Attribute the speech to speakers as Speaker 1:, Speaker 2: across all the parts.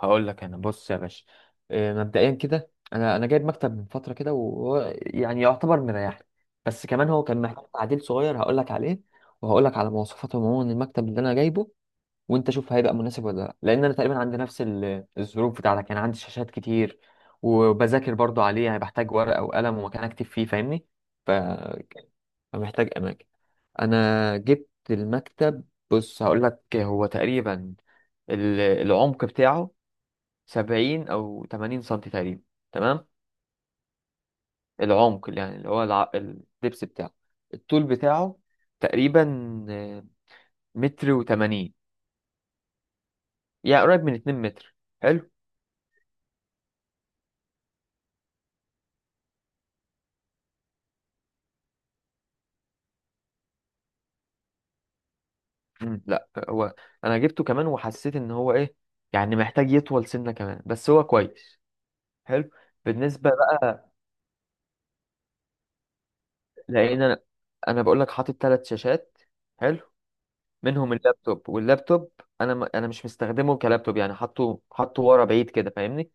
Speaker 1: هقول لك انا، بص يا باشا. مبدئيا كده انا جايب مكتب من فتره كده، وهو يعني يعتبر مريحني. بس كمان هو كان محتاج تعديل صغير هقول لك عليه، وهقول لك على مواصفات عموما المكتب اللي انا جايبه، وانت شوف هيبقى مناسب ولا لا. لان انا تقريبا عندي نفس الظروف بتاعتك، يعني عندي شاشات كتير وبذاكر برضو عليه، يعني بحتاج ورقه وقلم ومكان اكتب فيه، فاهمني؟ ف- فمحتاج اماكن. انا جبت المكتب، بص هقول لك. هو تقريبا العمق بتاعه 70 أو 80 سنتي تقريبا، تمام. العمق اللي يعني اللي هو الدبس بتاعه، الطول بتاعه تقريبا، آه، متر وتمانين، يعني قريب من 2 متر. حلو. لا هو أنا جبته كمان، وحسيت إن هو إيه، يعني محتاج يطول سنة كمان، بس هو كويس. حلو. بالنسبة بقى، لأن أنا بقول لك حاطط 3 شاشات. حلو. منهم اللابتوب، واللابتوب أنا مش مستخدمه كلابتوب، يعني حاطه ورا بعيد كده فاهمني.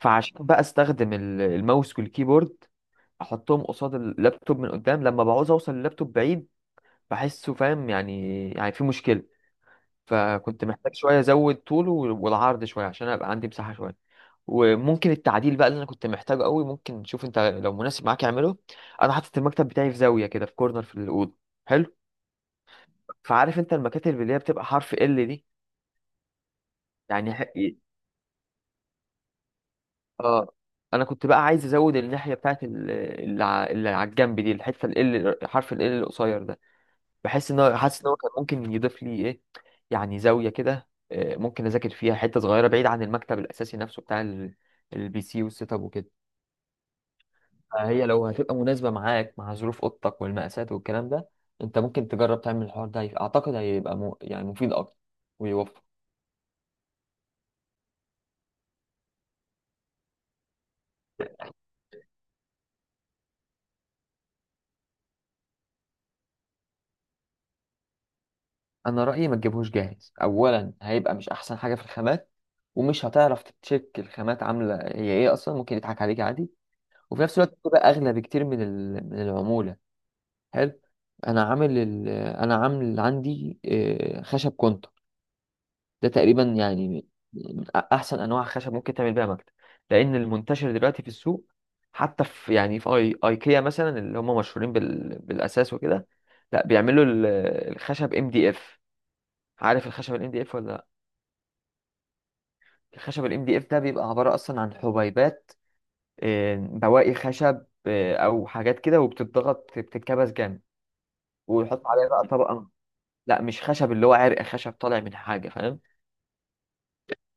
Speaker 1: فعشان بقى استخدم الماوس والكيبورد، احطهم قصاد اللابتوب من قدام، لما بعوز اوصل اللابتوب بعيد بحسه فاهم، يعني في مشكلة. فكنت محتاج شوية ازود طوله والعرض شوية، عشان ابقى عندي مساحة شوية. وممكن التعديل بقى اللي انا كنت محتاجه قوي، ممكن شوف انت لو مناسب معاك اعمله. انا حاطط المكتب بتاعي في زاوية كده، في كورنر في الأوضة. حلو. فعارف انت المكاتب اللي هي بتبقى حرف ال دي؟ يعني ح- اه انا كنت بقى عايز ازود الناحيه بتاعت اللي على الجنب دي، الحته حرف ال L القصير ده، بحس ان هو حاسس ان هو كان ممكن يضيف لي ايه. يعني زاويه كده ممكن اذاكر فيها حته صغيره بعيد عن المكتب الاساسي نفسه بتاع البي سي والسيت اب وكده. فهي لو هتبقى مناسبه معاك مع ظروف اوضتك والمقاسات والكلام ده، انت ممكن تجرب تعمل الحوار ده. اعتقد هيبقى يعني مفيد اكتر ويوفر. انا رايي ما تجيبهوش جاهز. اولا هيبقى مش احسن حاجه في الخامات، ومش هتعرف تتشيك الخامات عامله هي ايه اصلا، ممكن يضحك عليك عادي. وفي نفس الوقت بتبقى اغلى بكتير من من العموله. حلو. انا عامل عندي خشب كونتر. ده تقريبا يعني احسن انواع خشب ممكن تعمل بيها مكتب. لان المنتشر دلوقتي في السوق، حتى في يعني في اي ايكيا مثلا اللي هم مشهورين بالاساس وكده، لا بيعملوا الخشب ام دي اف. عارف الخشب الام دي اف ولا؟ الخشب الام دي اف ده بيبقى عبارة اصلا عن حبيبات، بواقي خشب، او حاجات كده، وبتتضغط بتتكبس جامد، ويحط عليها بقى طبقة. لا مش خشب اللي هو عرق خشب طالع من حاجة، فاهم؟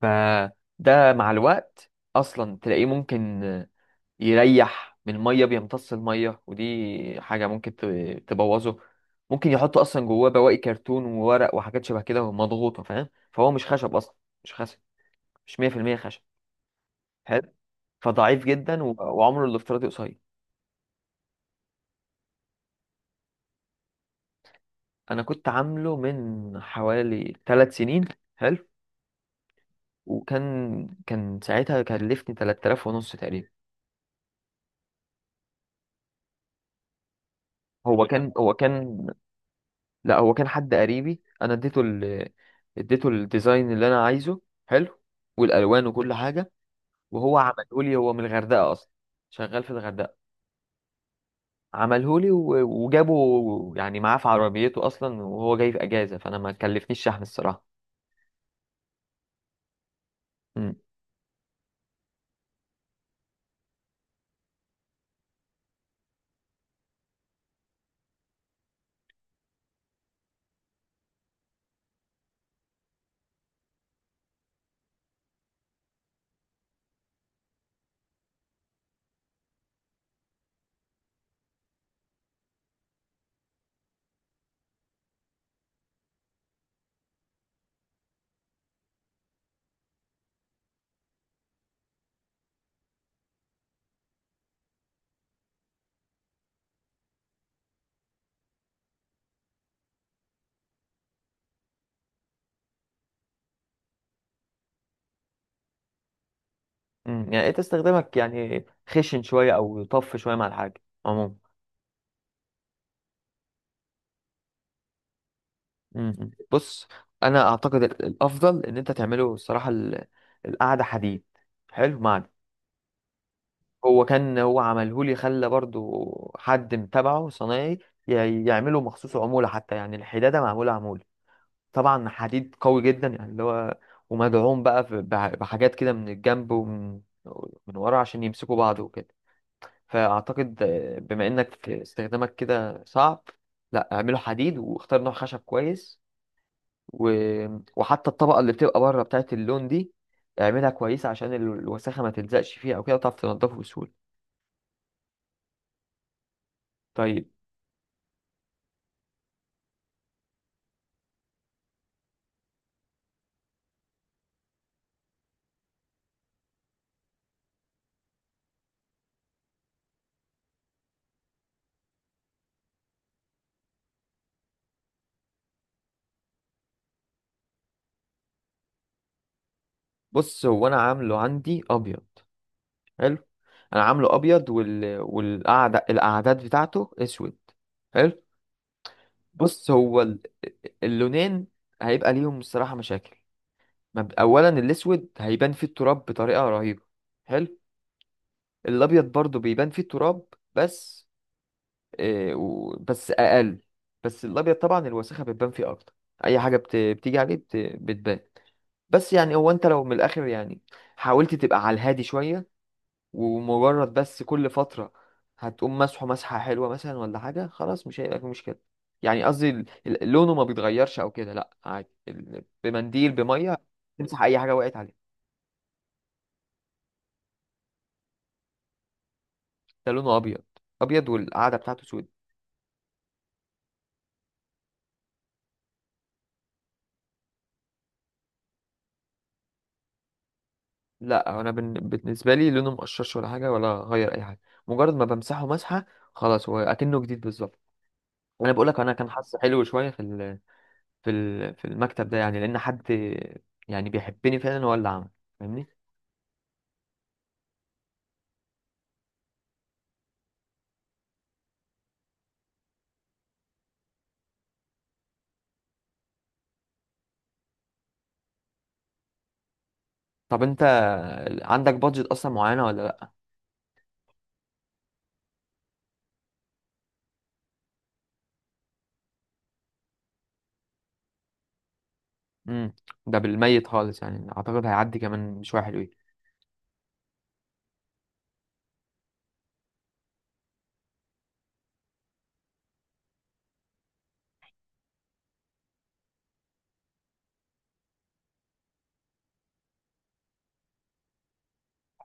Speaker 1: فده مع الوقت اصلا تلاقيه ممكن يريح من المية، بيمتص المية، ودي حاجة ممكن تبوظه. ممكن يحطوا اصلا جواه بواقي كرتون وورق وحاجات شبه كده مضغوطة، فاهم؟ فهو مش خشب اصلا، مش خشب، مش 100% خشب. حلو. فضعيف جدا وعمره الافتراضي قصير. انا كنت عامله من حوالي 3 سنين. حلو. وكان ساعتها كلفني 3000 ونص تقريبا. هو كان، لا هو كان حد قريبي. اديته الديزاين اللي انا عايزه. حلو. والالوان وكل حاجه، وهو عمله لي. هو من الغردقه اصلا، شغال في الغردقه. عمله لي وجابه يعني معاه في عربيته اصلا، وهو جاي في اجازه، فانا ما كلفنيش شحن الصراحه. يعني انت استخدامك يعني خشن شويه او طف شويه مع الحاجه عموما. بص انا اعتقد الافضل ان انت تعمله الصراحه القعده حديد. حلو. معدن. هو عمله لي، خلى برضو حد متابعه صنايعي يعمله مخصوص عموله، حتى يعني الحداده معموله عموله. طبعا حديد قوي جدا، يعني اللي هو، ومدعوم بقى بحاجات كده من الجنب ومن ورا عشان يمسكوا بعض وكده. فأعتقد بما إنك استخدامك كده صعب، لا اعمله حديد واختار نوع خشب كويس. و... وحتى الطبقة اللي بتبقى بره بتاعت اللون دي، اعملها كويسة، عشان الوساخة ما تلزقش فيها أو كده، وتعرف تنضفه بسهولة. طيب، بص هو أنا عامله عندي أبيض. حلو. أنا عامله أبيض وال... والقعدة الأعداد بتاعته أسود. حلو. بص هو اللونين هيبقى ليهم الصراحة مشاكل. أولا الأسود هيبان فيه التراب بطريقة رهيبة. حلو. الابيض برضو بيبان فيه التراب. بس إيه بس اقل، بس الابيض طبعا الوسخه بتبان فيه اكتر. اي حاجه بتيجي عليه بتبان. بس يعني هو انت لو من الاخر يعني حاولت تبقى على الهادي شويه، ومجرد بس كل فتره هتقوم مسحه مسحه حلوه مثلا ولا حاجه، خلاص مش هيبقى في مشكله. يعني قصدي لونه ما بيتغيرش او كده، لا عادي، بمنديل بميه تمسح اي حاجه وقعت عليه. ده لونه ابيض. ابيض والقعده بتاعته سودة. لا انا بالنسبه لي لونه مقشرش ولا حاجه ولا غير اي حاجه، مجرد ما بمسحه مسحه، خلاص هو اكنه جديد بالظبط. انا بقول لك انا كان حظي حلو شويه في المكتب ده، يعني لان حد يعني بيحبني فعلا هو اللي عمل، فاهمني؟ طب انت عندك بادجت اصلا معينه ولا لا؟ امم، ده بالميت خالص يعني اعتقد هيعدي كمان شويه حلوين.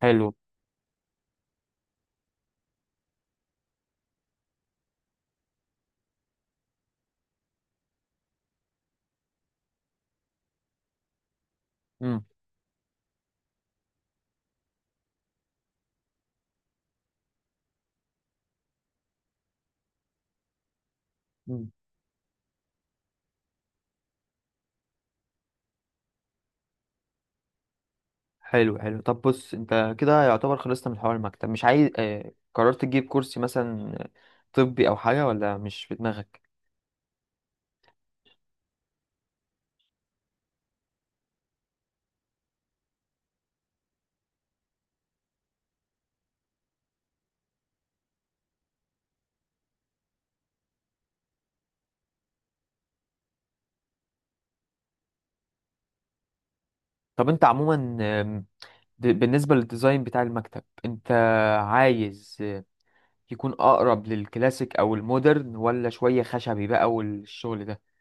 Speaker 1: حلو. امم. حلو طب بص انت كده يعتبر خلصت من حوار المكتب، مش عايز اه قررت تجيب كرسي مثلا طبي او حاجة، ولا مش في دماغك؟ طب انت عموما بالنسبة للديزاين بتاع المكتب، انت عايز يكون اقرب للكلاسيك او المودرن، ولا شوية خشبي بقى والشغل ده؟